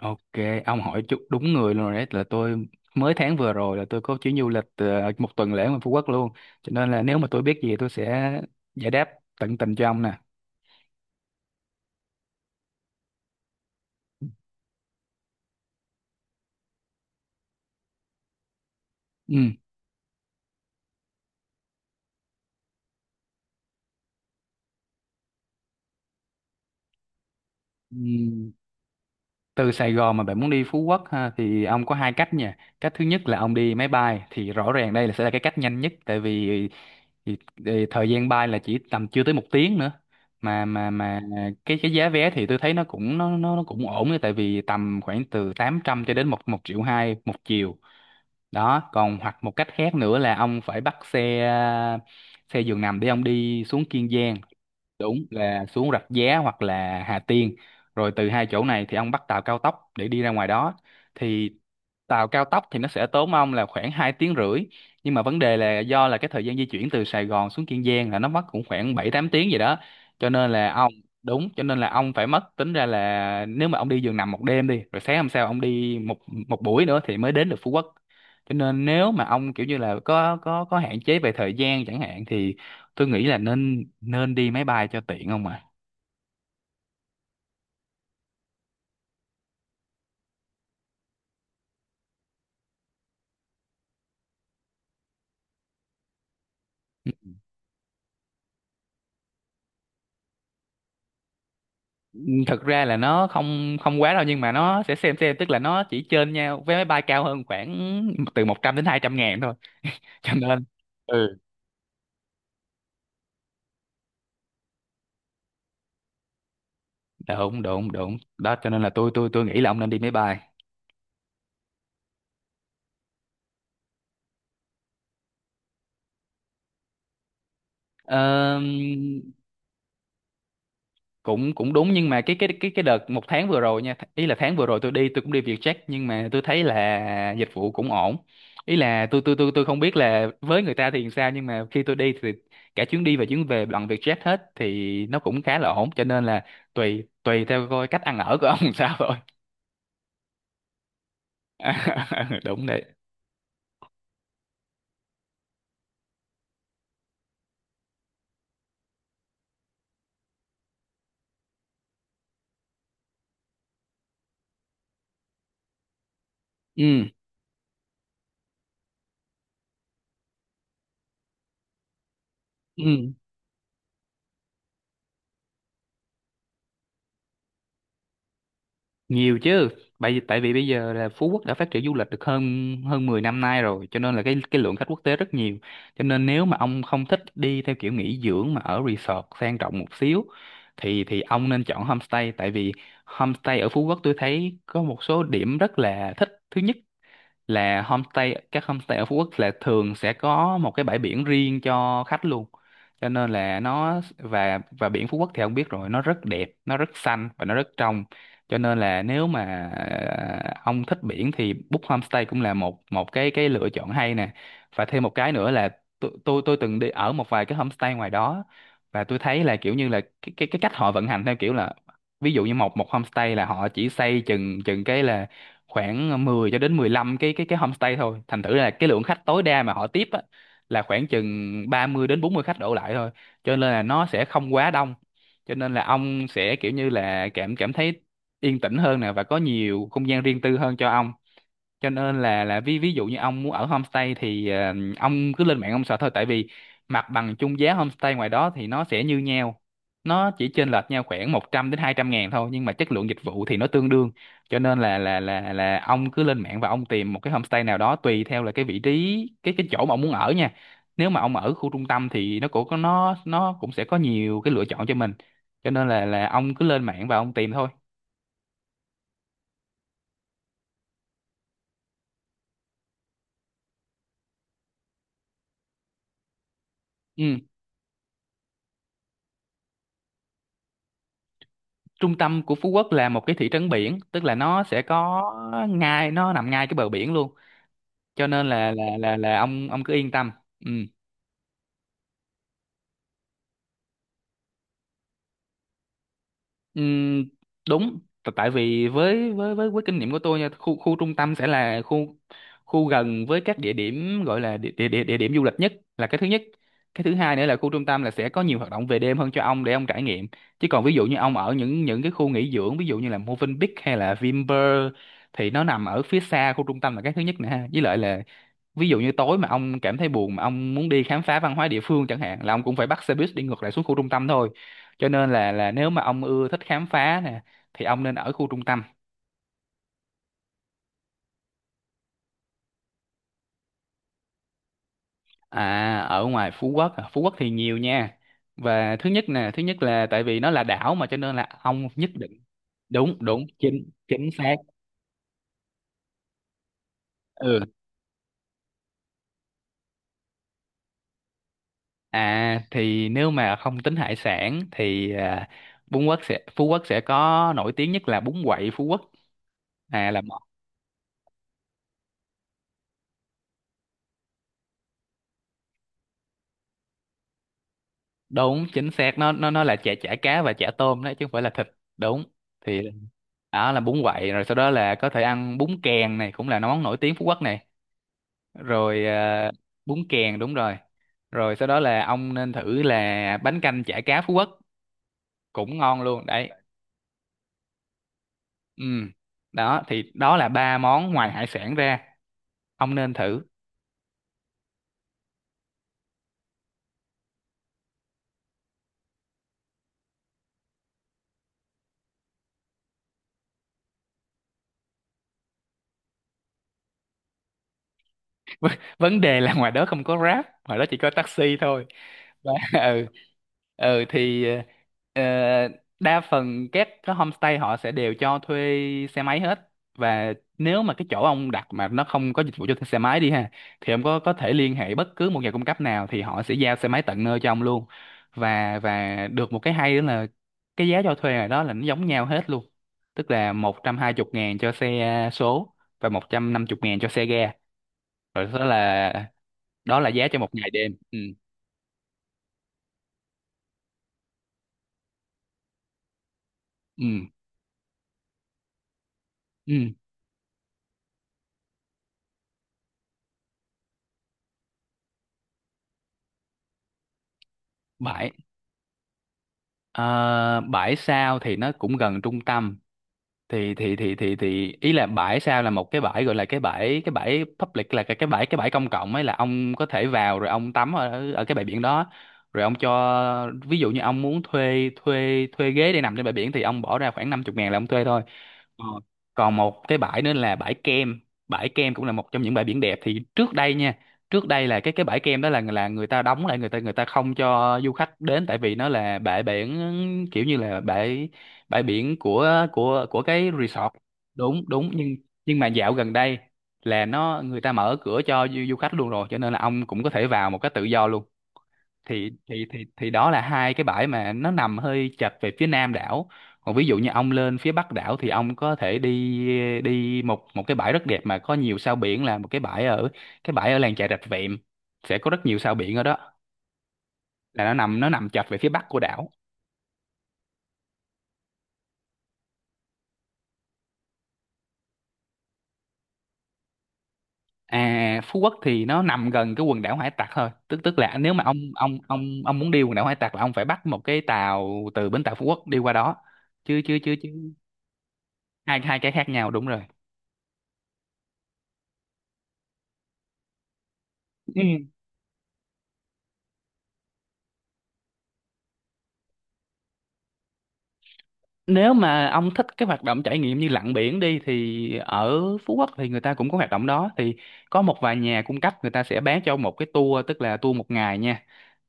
Ok, ông hỏi chút đúng người luôn rồi đấy là tôi mới tháng vừa rồi là tôi có chuyến du lịch một tuần lễ ngoài Phú Quốc luôn. Cho nên là nếu mà tôi biết gì tôi sẽ giải đáp tận tình cho ông nè. Ừ. Ừ. Từ Sài Gòn mà bạn muốn đi Phú Quốc ha, thì ông có hai cách nha. Cách thứ nhất là ông đi máy bay thì rõ ràng đây là sẽ là cái cách nhanh nhất, tại vì thì, thì thời gian bay là chỉ tầm chưa tới một tiếng nữa, mà cái giá vé thì tôi thấy nó cũng ổn đấy, tại vì tầm khoảng từ 800 cho đến một một triệu hai một chiều đó. Còn hoặc một cách khác nữa là ông phải bắt xe xe giường nằm để ông đi xuống Kiên Giang, đúng là xuống Rạch Giá hoặc là Hà Tiên, rồi từ hai chỗ này thì ông bắt tàu cao tốc để đi ra ngoài đó. Thì tàu cao tốc thì nó sẽ tốn ông là khoảng 2 tiếng rưỡi, nhưng mà vấn đề là do là cái thời gian di chuyển từ Sài Gòn xuống Kiên Giang là nó mất cũng khoảng 7 8 tiếng gì đó, cho nên là ông, đúng, cho nên là ông phải mất tính ra là nếu mà ông đi giường nằm một đêm đi rồi sáng hôm sau ông đi một một buổi nữa thì mới đến được Phú Quốc. Cho nên nếu mà ông kiểu như là có hạn chế về thời gian chẳng hạn thì tôi nghĩ là nên nên đi máy bay cho tiện không ạ. Thật ra là nó không không quá đâu, nhưng mà nó sẽ xem, tức là nó chỉ trên nhau vé máy bay cao hơn khoảng từ 100 đến 200 ngàn thôi cho nên ừ, đúng đúng đúng đó, cho nên là tôi nghĩ là ông nên đi máy bay. Ờ, cũng cũng đúng, nhưng mà cái đợt một tháng vừa rồi nha, ý là tháng vừa rồi tôi đi, tôi cũng đi Vietjet nhưng mà tôi thấy là dịch vụ cũng ổn. Ý là tôi không biết là với người ta thì sao, nhưng mà khi tôi đi thì cả chuyến đi và chuyến về bằng Vietjet hết thì nó cũng khá là ổn. Cho nên là tùy tùy theo coi cách ăn ở của ông sao thôi. Đúng đấy. Ừ. Ừ, nhiều chứ. Tại vì bây giờ là Phú Quốc đã phát triển du lịch được hơn hơn 10 năm nay rồi, cho nên là cái lượng khách quốc tế rất nhiều. Cho nên nếu mà ông không thích đi theo kiểu nghỉ dưỡng mà ở resort sang trọng một xíu thì ông nên chọn homestay, tại vì homestay ở Phú Quốc tôi thấy có một số điểm rất là thích. Thứ nhất là homestay, các homestay ở Phú Quốc là thường sẽ có một cái bãi biển riêng cho khách luôn, cho nên là nó, và biển Phú Quốc thì ông biết rồi, nó rất đẹp, nó rất xanh và nó rất trong. Cho nên là nếu mà ông thích biển thì book homestay cũng là một một cái lựa chọn hay nè. Và thêm một cái nữa là tôi từng đi ở một vài cái homestay ngoài đó, và tôi thấy là kiểu như là cái cách họ vận hành theo kiểu là ví dụ như một một homestay là họ chỉ xây chừng chừng cái là khoảng 10 cho đến 15 cái homestay thôi, thành thử là cái lượng khách tối đa mà họ tiếp á, là khoảng chừng 30 đến 40 khách đổ lại thôi, cho nên là nó sẽ không quá đông. Cho nên là ông sẽ kiểu như là cảm cảm thấy yên tĩnh hơn nè, và có nhiều không gian riêng tư hơn cho ông. Cho nên là ví ví dụ như ông muốn ở homestay thì ông cứ lên mạng ông sợ thôi, tại vì mặt bằng chung giá homestay ngoài đó thì nó sẽ như nhau, nó chỉ chênh lệch nhau khoảng 100 đến 200 ngàn thôi, nhưng mà chất lượng dịch vụ thì nó tương đương. Cho nên là ông cứ lên mạng và ông tìm một cái homestay nào đó tùy theo là cái vị trí cái chỗ mà ông muốn ở nha. Nếu mà ông ở khu trung tâm thì nó cũng sẽ có nhiều cái lựa chọn cho mình, cho nên là ông cứ lên mạng và ông tìm thôi. Ừ, trung tâm của Phú Quốc là một cái thị trấn biển, tức là nó sẽ có ngay, nó nằm ngay cái bờ biển luôn, cho nên là ông cứ yên tâm. Ừ. Ừm, đúng. Tại vì với kinh nghiệm của tôi nha, khu khu trung tâm sẽ là khu khu gần với các địa điểm, gọi là địa điểm du lịch nhất, là cái thứ nhất. Cái thứ hai nữa là khu trung tâm là sẽ có nhiều hoạt động về đêm hơn cho ông để ông trải nghiệm. Chứ còn ví dụ như ông ở những cái khu nghỉ dưỡng, ví dụ như là Movenpick hay là Vinpearl, thì nó nằm ở phía xa khu trung tâm là cái thứ nhất nè ha. Với lại là ví dụ như tối mà ông cảm thấy buồn mà ông muốn đi khám phá văn hóa địa phương chẳng hạn, là ông cũng phải bắt xe buýt đi ngược lại xuống khu trung tâm thôi. Cho nên là nếu mà ông ưa thích khám phá nè thì ông nên ở khu trung tâm. À, ở ngoài Phú Quốc à, Phú Quốc thì nhiều nha. Và thứ nhất nè, thứ nhất là tại vì nó là đảo mà, cho nên là ông nhất định, đúng đúng, chính chính xác. Ừ. À thì nếu mà không tính hải sản thì à, Phú Quốc sẽ có nổi tiếng nhất là bún quậy Phú Quốc. À là đúng, chính xác, nó là chả chả cá và chả tôm đấy, chứ không phải là thịt. Đúng. Thì đó là bún quậy, rồi sau đó là có thể ăn bún kèn này, cũng là món nổi tiếng Phú Quốc này. Rồi ờ, bún kèn đúng rồi. Rồi sau đó là ông nên thử là bánh canh chả cá Phú Quốc, cũng ngon luôn đấy. Ừ. Đó, thì đó là ba món ngoài hải sản ra ông nên thử. Vấn đề là ngoài đó không có Grab, ngoài đó chỉ có taxi thôi. Và- ừ. Ừ thì ờ, đa phần các cái homestay họ sẽ đều cho thuê xe máy hết. Và nếu mà cái chỗ ông đặt mà nó không có dịch vụ cho thuê xe máy đi ha, thì ông có thể liên hệ bất cứ một nhà cung cấp nào thì họ sẽ giao xe máy tận nơi cho ông luôn. Và được một cái hay đó là cái giá cho thuê ngoài đó là nó giống nhau hết luôn, tức là một trăm hai chục ngàn cho xe số và một trăm năm chục ngàn cho xe ga. Rồi, đó là, đó là giá cho một ngày đêm. Ừ. Ừ. Ừ, vậy. Ờ, bãi Sao thì nó cũng gần trung tâm. Thì ý là bãi Sao là một cái bãi, gọi là cái bãi public, là cái bãi công cộng ấy, là ông có thể vào rồi ông tắm ở ở cái bãi biển đó. Rồi ông cho ví dụ như ông muốn thuê thuê thuê ghế để nằm trên bãi biển thì ông bỏ ra khoảng 50 ngàn là ông thuê thôi. Ờ. Còn một cái bãi nữa là bãi Kem. Bãi Kem cũng là một trong những bãi biển đẹp. Thì trước đây nha, trước đây là cái bãi Kem đó là người ta đóng lại, người ta không cho du khách đến, tại vì nó là bãi biển kiểu như là bãi bãi biển của cái resort. Đúng, đúng, nhưng mà dạo gần đây là nó người ta mở cửa cho du khách luôn rồi, cho nên là ông cũng có thể vào một cách tự do luôn. Thì đó là hai cái bãi mà nó nằm hơi chật về phía nam đảo. Còn ví dụ như ông lên phía bắc đảo thì ông có thể đi đi một một cái bãi rất đẹp mà có nhiều sao biển, là một cái bãi ở làng chài Rạch Vẹm, sẽ có rất nhiều sao biển ở đó, là nó nằm chật về phía bắc của đảo. À, Phú Quốc thì nó nằm gần cái quần đảo Hải Tặc thôi, tức tức là nếu mà ông muốn đi quần đảo Hải Tặc là ông phải bắt một cái tàu từ bến tàu Phú Quốc đi qua đó, chứ chứ chứ chứ hai hai cái khác nhau, đúng rồi. Ừ. Nếu mà ông thích cái hoạt động trải nghiệm như lặn biển đi thì ở Phú Quốc thì người ta cũng có hoạt động đó, thì có một vài nhà cung cấp người ta sẽ bán cho một cái tour, tức là tour một ngày nha,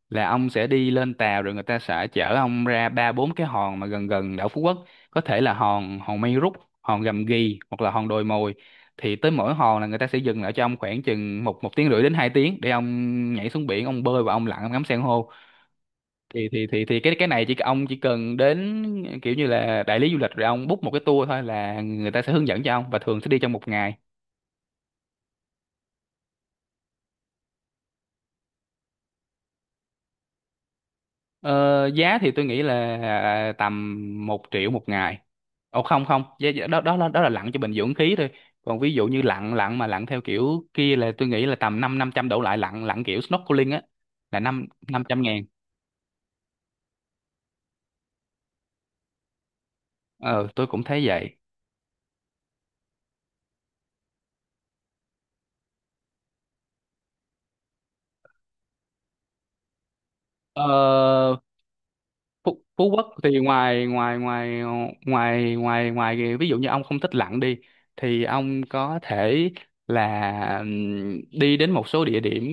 là ông sẽ đi lên tàu rồi người ta sẽ chở ông ra ba bốn cái hòn mà gần gần đảo Phú Quốc, có thể là hòn hòn Mây Rút, hòn Gầm Ghì hoặc là hòn Đồi Mồi. Thì tới mỗi hòn là người ta sẽ dừng lại cho ông khoảng chừng một một tiếng rưỡi đến 2 tiếng để ông nhảy xuống biển, ông bơi và ông lặn, ông ngắm san hô. Thì cái này, chỉ cần đến kiểu như là đại lý du lịch rồi ông book một cái tour thôi là người ta sẽ hướng dẫn cho ông, và thường sẽ đi trong một ngày. Ờ, Giá thì tôi nghĩ là tầm 1 triệu một ngày. Không, không, giá, giá- đó đó là lặn cho bình dưỡng khí thôi. Còn ví dụ như lặn lặn mà lặn theo kiểu kia là tôi nghĩ là tầm năm năm trăm đổ lại, lặn lặn kiểu snorkeling á, là năm năm trăm ngàn. Ờ tôi cũng thấy vậy. ờ Phú Quốc thì ngoài ngoài ngoài ngoài ngoài ngoài kìa, ví dụ như ông không thích lặn đi thì ông có thể là đi đến một số địa điểm,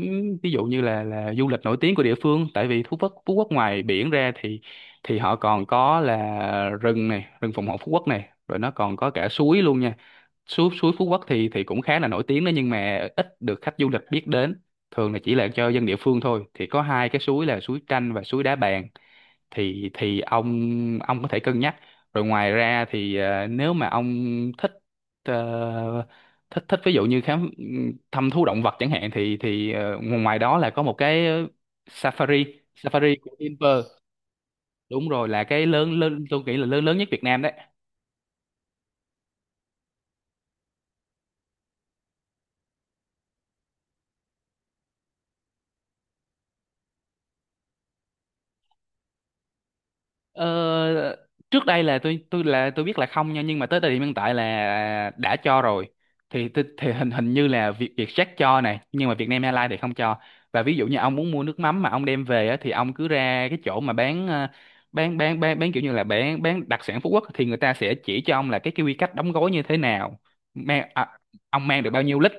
ví dụ như là du lịch nổi tiếng của địa phương. Tại vì Phú Quốc ngoài biển ra thì họ còn có là rừng này, rừng phòng hộ Phú Quốc này, rồi nó còn có cả suối luôn nha. Suối suối Phú Quốc thì cũng khá là nổi tiếng đó, nhưng mà ít được khách du lịch biết đến, thường là chỉ là cho dân địa phương thôi. Thì có hai cái suối là suối Tranh và suối Đá Bàn, thì ông có thể cân nhắc. Rồi ngoài ra thì nếu mà ông thích ờ, thích thích ví dụ như thăm thú động vật chẳng hạn, thì ngoài đó là có một cái safari safari của Vinpearl, đúng rồi, là cái lớn lớn, tôi nghĩ là lớn lớn nhất Việt Nam đấy. Ờ, trước đây là tôi là tôi biết là không nha, nhưng mà tới thời điểm hiện tại là đã cho rồi. Thì hình hình như là Vietjet cho này, nhưng mà Vietnam Airlines thì không cho. Và ví dụ như ông muốn mua nước mắm mà ông đem về á, thì ông cứ ra cái chỗ mà bán bán kiểu như là bán đặc sản Phú Quốc, thì người ta sẽ chỉ cho ông là cái quy cách đóng gói như thế nào, mang ông mang được bao nhiêu lít.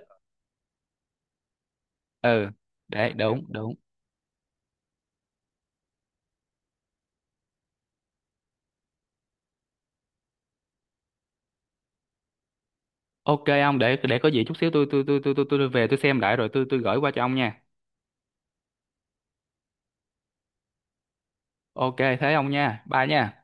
Ừ, để đúng, đúng. Ok, ông, để có gì chút xíu tôi về tôi xem lại rồi tôi gửi qua cho ông nha. Ok thế ông nha. Bye nha.